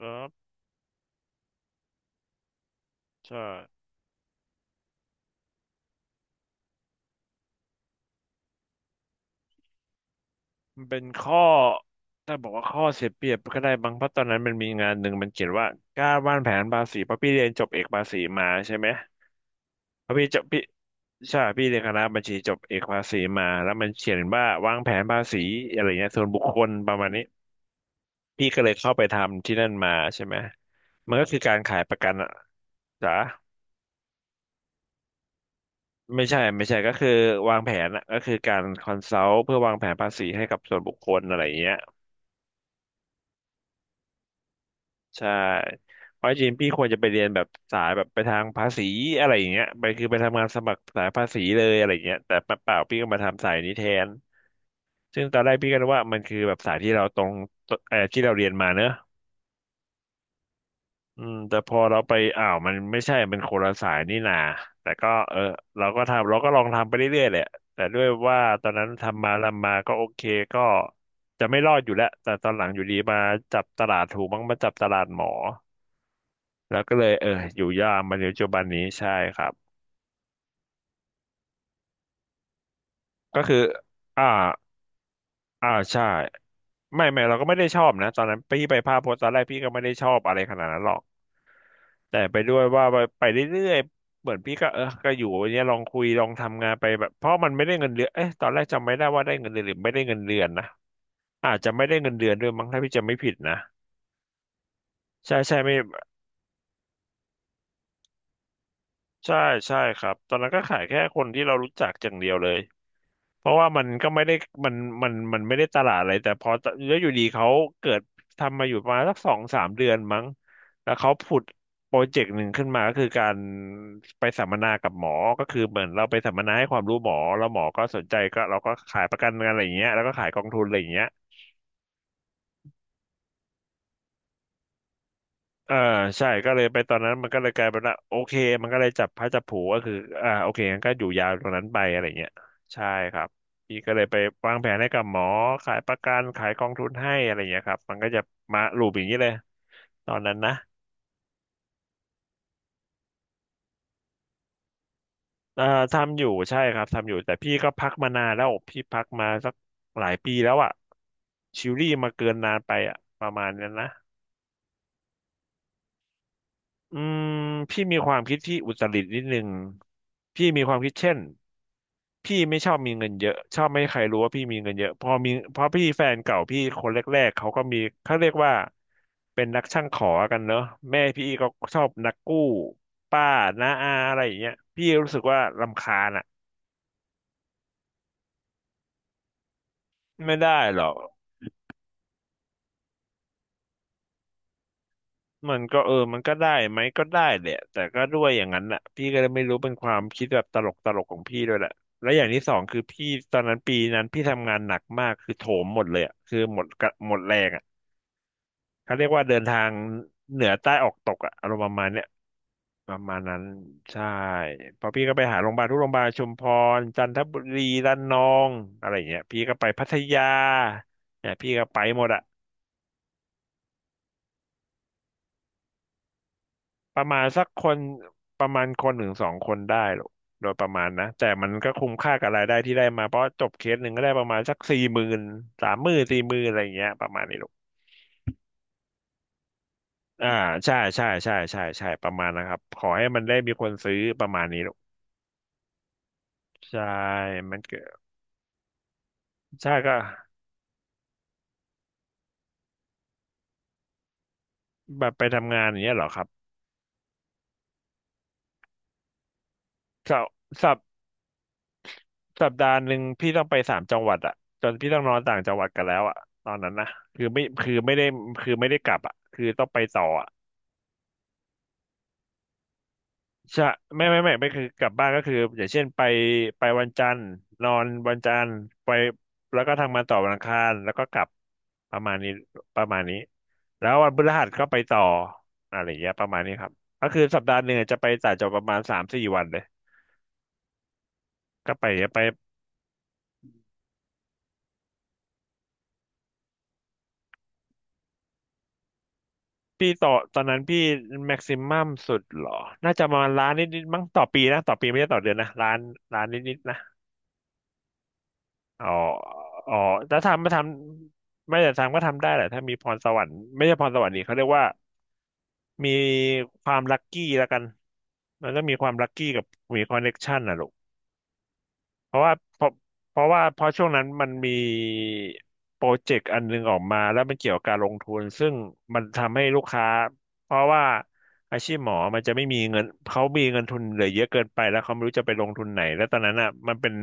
ครับใช่มันเป็นข้อถ้าบอกว่าข้อเสียเปรียบก็ได้บางเพราะตอนนั้นมันมีงานหนึ่งมันเขียนว่าการวางแผนภาษีเพราะพี่เรียนจบเอกภาษีมาใช่ไหมเพราะพี่จบพี่ใช่พี่เรียนคณะบัญชีจบเอกภาษีมาแล้วมันเขียนว่าวางแผนภาษีอะไรเงี้ยส่วนบุคคลประมาณนี้พี่ก็เลยเข้าไปทำที่นั่นมาใช่ไหมมันก็คือการขายประกันอะจ๋าไม่ใช่ก็คือวางแผนอะก็คือการคอนซัลท์เพื่อวางแผนภาษีให้กับส่วนบุคคลอะไรอย่างเงี้ย ใช่เพราะจริงๆพี่ควรจะไปเรียนแบบสายแบบไปทางภาษีอะไรอย่างเงี้ยไปคือไปทำงานสมัครสายภาษีเลยอะไรอย่างเงี้ยแต่เปล่าๆพี่ก็มาทำสายนี้แทนซึ่งตอนแรกพี่ก็นึกว่ามันคือแบบสายที่เราตรงที่เราเรียนมาเนอะอืมแต่พอเราไปอ้าวมันไม่ใช่มันคนละสายนี่นาแต่ก็เออเราก็ทำเราก็ลองทำไปเรื่อยๆแหละแต่ด้วยว่าตอนนั้นทำมาทำมาก็โอเคก็จะไม่รอดอยู่แล้วแต่ตอนหลังอยู่ดีมาจับตลาดถูกมั้งมาจับตลาดหมอ แล้วก็เลยเอออยู่ยากมาในปัจจุบันนี้ใช่ครับก็คืออ่าอ่าใช่ไม่ไม่เราก็ไม่ได้ชอบนะตอนนั้นพี่ไปภาพพจน์ตอนแรกพี่ก็ไม่ได้ชอบอะไรขนาดนั้นหรอกแต่ไปด้วยว่าไปเรื่อยๆเหมือนพี่ก็เออก็อยู่อย่างเนี้ยลองคุยลองทำงานไปแบบเพราะมันไม่ได้เงินเดือนเอ๊ะตอนแรกจำไม่ได้ว่าได้เงินเดือนหรือไม่ได้เงินเดือนนะอาจจะไม่ได้เงินเดือนด้วยมั้งถ้าพี่จำไม่ผิดนะใช่ใช่ไม่ใช่ใช่ครับตอนนั้นก็ขายแค่คนที่เรารู้จักอย่างเดียวเลย เพราะว่ามันก็ไม่ได้มันมันไม่ได้ตลาดอะไรแต่พอแล้วอยู่ดีเขาเกิดทำมาอยู่ประมาณสัก2-3 เดือนมั้งแล้วเขาผุดโปรเจกต์หนึ่งขึ้นมาก็คือการไปสัมมนากับหมอก็คือเหมือนเราไปสัมมนาให้ความรู้หมอแล้วหมอก็สนใจก็เราก็ขายประกันกันอะไรอย่างเงี้ยแล้วก็ขายกองทุนอะไรอย่างเงี้ย อ่าใช่ก็เลยไปตอนนั้นมันก็เลยกลายเป็นว่าโอเคมันก็เลยจับพระจับผลูก็คืออ่าโอเคงั้นก็อยู่ยาวตรงนั้นไปอะไรเงี้ยใช่ครับพี่ก็เลยไปวางแผนให้กับหมอขายประกันขายกองทุนให้อะไรเงี้ยครับมันก็จะมาลูปอย่างนี้เลยตอนนั้นนะเอ่อทำอยู่ใช่ครับทำอยู่แต่พี่ก็พักมานานแล้วพี่พักมาสักหลายปีแล้วอะชิลลี่มาเกินนานไปอะประมาณนั้นนะ อืมพี่มีความคิดที่อุตรินิดนึงพี่มีความคิดเช่นพี่ไม่ชอบมีเงินเยอะชอบไม่ให้ใครรู้ว่าพี่มีเงินเยอะพอมีพอพี่แฟนเก่าพี่คนแรกๆเขาก็มีเขาเรียกว่าเป็นนักช่างขอกันเนอะแม่พี่ก็ชอบนักกู้ป้าน้าอาอะไรอย่างเงี้ยพี่รู้สึกว่ารำคาญอ่ะไม่ได้หรอก มันก็เออมันก็ได้ไหมก็ได้แหละแต่ก็ด้วยอย่างนั้นแหละพี่ก็เลยไม่รู้เป็นความคิดแบบตลกตลกของพี่ด้วยแหละและอย่างที่สองคือพี่ตอนนั้นปีนั้นพี่ทำงานหนักมากคือโถมหมดเลยอะคือหมดกะหมดแรงอ่ะเขาเรียกว่าเดินทางเหนือใต้ออกตกอ่ะอารมณ์ประมาณเนี้ยประมาณนั้นใช่เพอพี่ก็ไปหาโรงพยาบาลทุกโรงพยาบาลชุมพรจันทบุรีระนองอะไรอย่างเงี้ยพี่ก็ไปพัทยาเนี่ยพี่ก็ไปหมดอะ ประมาณสักคนประมาณคนหนึ่งสองคนได้หรอกโดยประมาณนะแต่มันก็คุ้มค่ากับรายได้ที่ได้มาเพราะจบเคสหนึ่งก็ได้ประมาณสักสี่หมื่น30,000สี่หมื่นอะไรอย่างเงี้ยประมาณนี้หรอกอ่าใช่ใช่ใช่ใช่ใช่ประมาณนะครับขอให้มันได้มีคนซื้อประมาณนี้หรอกใช่มันก็ใช่ก็แบบไปทำงานอย่างเงี้ยเหรอครับสัปสัปสัปดาห์หนึ่งพี่ต้องไปสามจังหวัดอะจนพี่ต้องนอนต่างจังหวัดกันแล้วอะตอนนั้นนะคือไม่คือไม่ได้คือไม่ได้กลับอะคือต้องไปต่ออะ ใช่ไม่คือกลับบ้านก็คืออย่างเช่นไปวันจันทร์นอนวันจันทร์ไปแล้วก็ทำงานต่อวันอังคารแล้วก็กลับประมาณนี้ประมาณนี้แล้ววันพฤหัสก็ไปต่ออะไรอย่างเงี้ยประมาณนี้ครับก็คือสัปดาห์หนึ่งจะไปต่างจังหวัดประมาณสามสี่วันเลยก็ไปพี่ต่อตอนนั้นพี่แม็กซิมัมสุดเหรอน่าจะประมาณล้านนิดๆมั้งต่อปีนะต่อปีไม่ใช่ต่อเดือนนะล้านนิดๆนะ อ๋ออ๋อถ้าทำไม่ทำไม่แต่ทำก็ทำได้แหละ ถ้ามีพรสวรรค์ไม่ใช่พรสวรรค์นี่เขาเรียกว่ามีความลัคกี้แล้วกัน มันต้องมีความลัคกี้กับมีคอนเน็กชันนะลูก เพราะว่าเพราะเพราะว่าเพราะช่วงนั้นมันมีโปรเจกต์อันนึงออกมาแล้วมันเกี่ยวกับการลงทุนซึ่งมันทำให้ลูกค้าเพราะว่าอาชีพหมอมันจะไม่มีเงินเขามีเงินทุนเหลือเยอะเกินไปแล้วเขาไม่รู้จะไปลงทุนไหนแล้วตอนนั้นอ่ะมันเป็น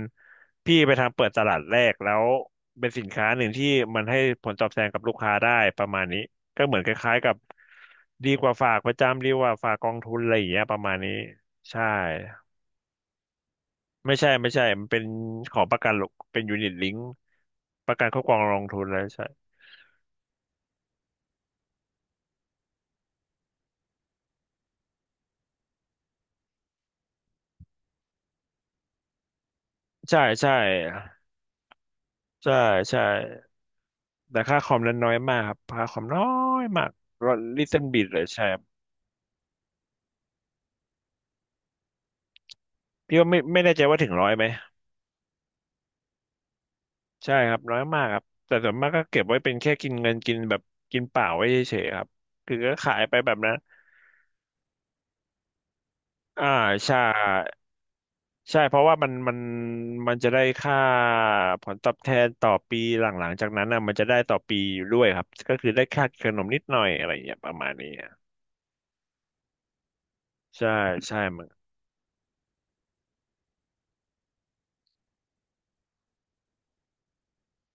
พี่ไปทำเปิดตลาดแรกแล้วเป็นสินค้าหนึ่งที่มันให้ผลตอบแทนกับลูกค้าได้ประมาณนี้ก็เหมือนคล้ายๆกับดีกว่าฝากประจำดีกว่าฝากกองทุนอะไรอย่างเงี้ยประมาณนี้ใช่ ไม่ใช่ มันเป็นของประกันหรอกเป็นยูนิตลิงก์ประกันครอบครองลงทุนแล้วใช่ใช่ใช่ใช่ใช่แต่ค่าคอมนั้นน้อยมากครับค่าคอมน้อยมากร้อยลิตรติบิดเลยใช่ครับพี่ว่าไม่แน่ใจว่าถึงร้อยไหมใช่ครับน้อยมากครับแต่ส่วนมากก็เก็บไว้เป็นแค่กินเงินกินแบบกินเปล่าไว้เฉยๆครับคือก็ขายไปแบบนั้นอ่าใช่ ใช่เพราะว่ามันมันจะได้ค่าผลตอบแทนต่อปีหลังๆจากนั้นอะมันจะได้ต่อปีอยู่ด้วยครับก็คือได้ค่าขนมนิดหน่อยอะไรอย่างเงี้ยประมาณนี้อะใช่ใช่มัน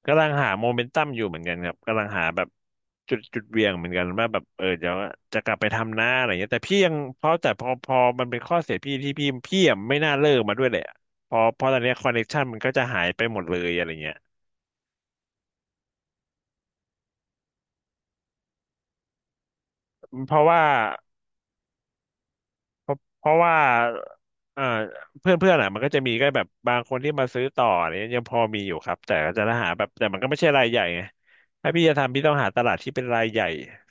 กำลังหาโมเมนตัมอยู่เหมือนกันครับกำลังหาแบบจุดเหวี่ยงเหมือนกันว่าแบบเออเดี๋ยวจะกลับไปทำหน้าอะไรเงี้ยแต่พี่ยังเพราะแต่พอมันเป็นข้อเสียพี่ที่พี่อะไม่น่าเลิกมาด้วยแหละพอเพราะตอนเนี้คอนเนคชันมันก็จะหายไปหมดเลยอะไรเงี้ยเพราะว่า เพราะว่าเอ่อเพื่อนเพื่อนอ่ะมันก็จะมีก็แบบบางคนที่มาซื้อต่ออะไรเนี่ยยังพอมีอยู่ครับแต่ก็จะหาแบบแต่มันก็ไม่ใช่รายใหญ่ไงถ้าพี่จะทำพี่ต้องหาตลาดที่เป็นรายใหญ่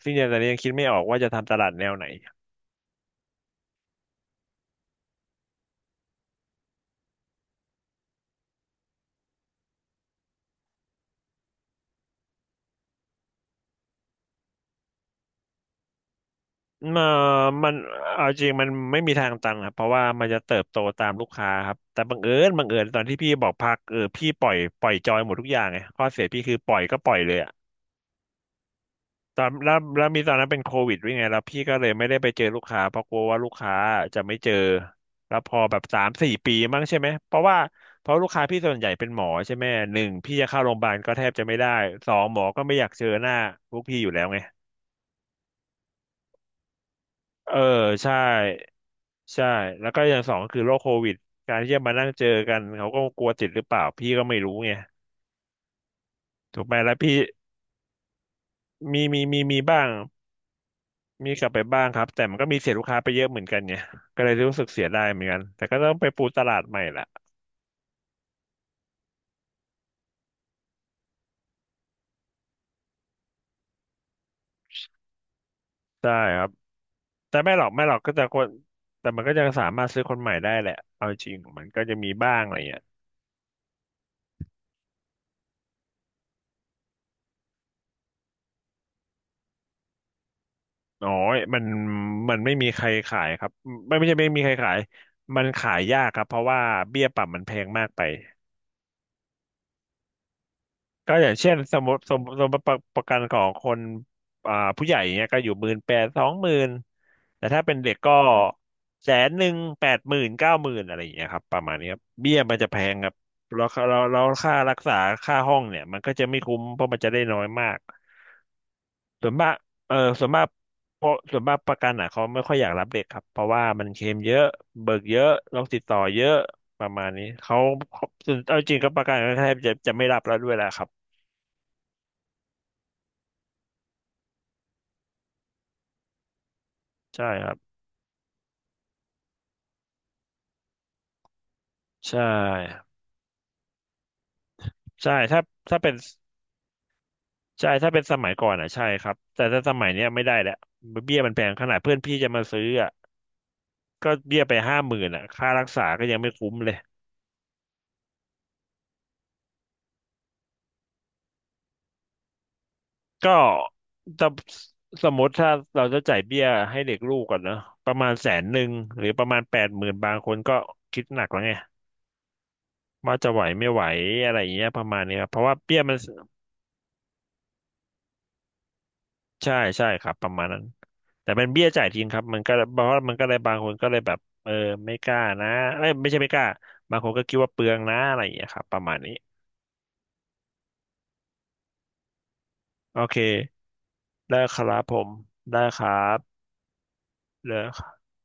ซึ่งตอนนี้ยังคิดไม่ออกว่าจะทำตลาดแนวไหนเอ่อมันเอาจริงมันไม่มีทางตันครับเพราะว่ามันจะเติบโตตามลูกค้าครับแต่บังเอิญตอนที่พี่บอกพักเออพี่ปล่อยจอยหมดทุกอย่างไงข้อเสียพี่คือปล่อยก็ปล่อยเลย ตอนแล้วแล้วมีตอนนั้นเป็นโควิดด้วยไงแล้วพี่ก็เลยไม่ได้ไปเจอลูกค้าเพราะกลัวว่าลูกค้าจะไม่เจอแล้วพอแบบสามสี่ปีมั้งใช่ไหมเพราะว่าเพราะลูกค้าพี่ส่วนใหญ่เป็นหมอใช่ไหมหนึ่งพี่จะเข้าโรงพยาบาลก็แทบจะไม่ได้สองหมอก็ไม่อยากเจอหน้าพวกพี่อยู่แล้วไงเออใช่ใช่แล้วก็อย่างสองก็คือโรคโควิดการที่จะมานั่งเจอกันเขาก็กลัวติดหรือเปล่าพี่ก็ไม่รู้ไงถูกไหมแล้วพี่มีบ้าง มีกลับไปบ้างครับแต่มันก็มีเสียลูกค้าไปเยอะเหมือนกันไงก็เลยรู้สึกเสียดายเหมือนกันแต่ก็ต้องไปปูตลาดใหม่แหละใช่ครับแต่ไม่หรอกก็จะคนแต่มันก็จะสามารถซื้อคนใหม่ได้แหละเอาจริงมันก็จะมีบ้างอะไรเงี้ยน้อยมันไม่มีใครขายครับไม่ใช่ไม่มีใครขายมันขายยากครับเพราะว่าเบี้ยปรับมันแพงมากไป ก็อย่างเช่นสมมติสมสมประประกันของคนอ่าผู้ใหญ่เนี่ยก็อยู่หมื่นแปดสองหมื่นแต่ถ้าเป็นเด็กก็แสนหนึ่งแปดหมื่นเก้าหมื่นอะไรอย่างเงี้ยครับประมาณนี้ครับเบี้ยมันจะแพงครับแล้วเราค่ารักษาค่าห้องเนี่ยมันก็จะไม่คุ้มเพราะมันจะได้น้อยมากส่วนมากเออส่วนมากเพราะส่วนมากประกันอ่ะเขาไม่ค่อยอยากรับเด็กครับเพราะว่ามันเคลมเยอะเบิกเยอะโรคติดต่อเยอะประมาณนี้เขาเอาจริงกับประกันก็แทบจะไม่รับแล้วด้วยแหละครับใช่ครับ ใช่ใช่ถ้าถ้าเป็นใช่ถ้าเป็นสมัยก่อนอ่ะใช่ครับแต่ถ้าสมัยเนี้ยไม่ได้แล้วเบี้ยมันแพงขนาดเพื่อนพี่จะมาซื้ออ่ะก็เบี้ยไปห้าหมื่นอ่ะค่ารักษาก็ยังไม่คุ้มเลยก็ถ้าสมมติถ้าเราจะจ่ายเบี้ยให้เด็กลูกก่อนเนอะประมาณแสนหนึ่งหรือประมาณแปดหมื่นบางคนก็คิดหนักแล้วไงว่าจะไหวไม่ไหวอะไรอย่างเงี้ยประมาณนี้ครับเพราะว่าเบี้ยมัน ใช่ใช่ครับประมาณนั้นแต่เป็นเบี้ยจ่ายทีมครับมันก็เพราะว่ามันก็เลยบางคนก็เลยแบบเออไม่กล้านะเอ้ยไม่ใช่ไม่กล้าบางคนก็คิดว่าเปลืองนะอะไรอย่างเงี้ยครับประมาณนี้โอเคได้ครับผมได้ครับเลยค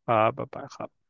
รับบ๊ายบายครับ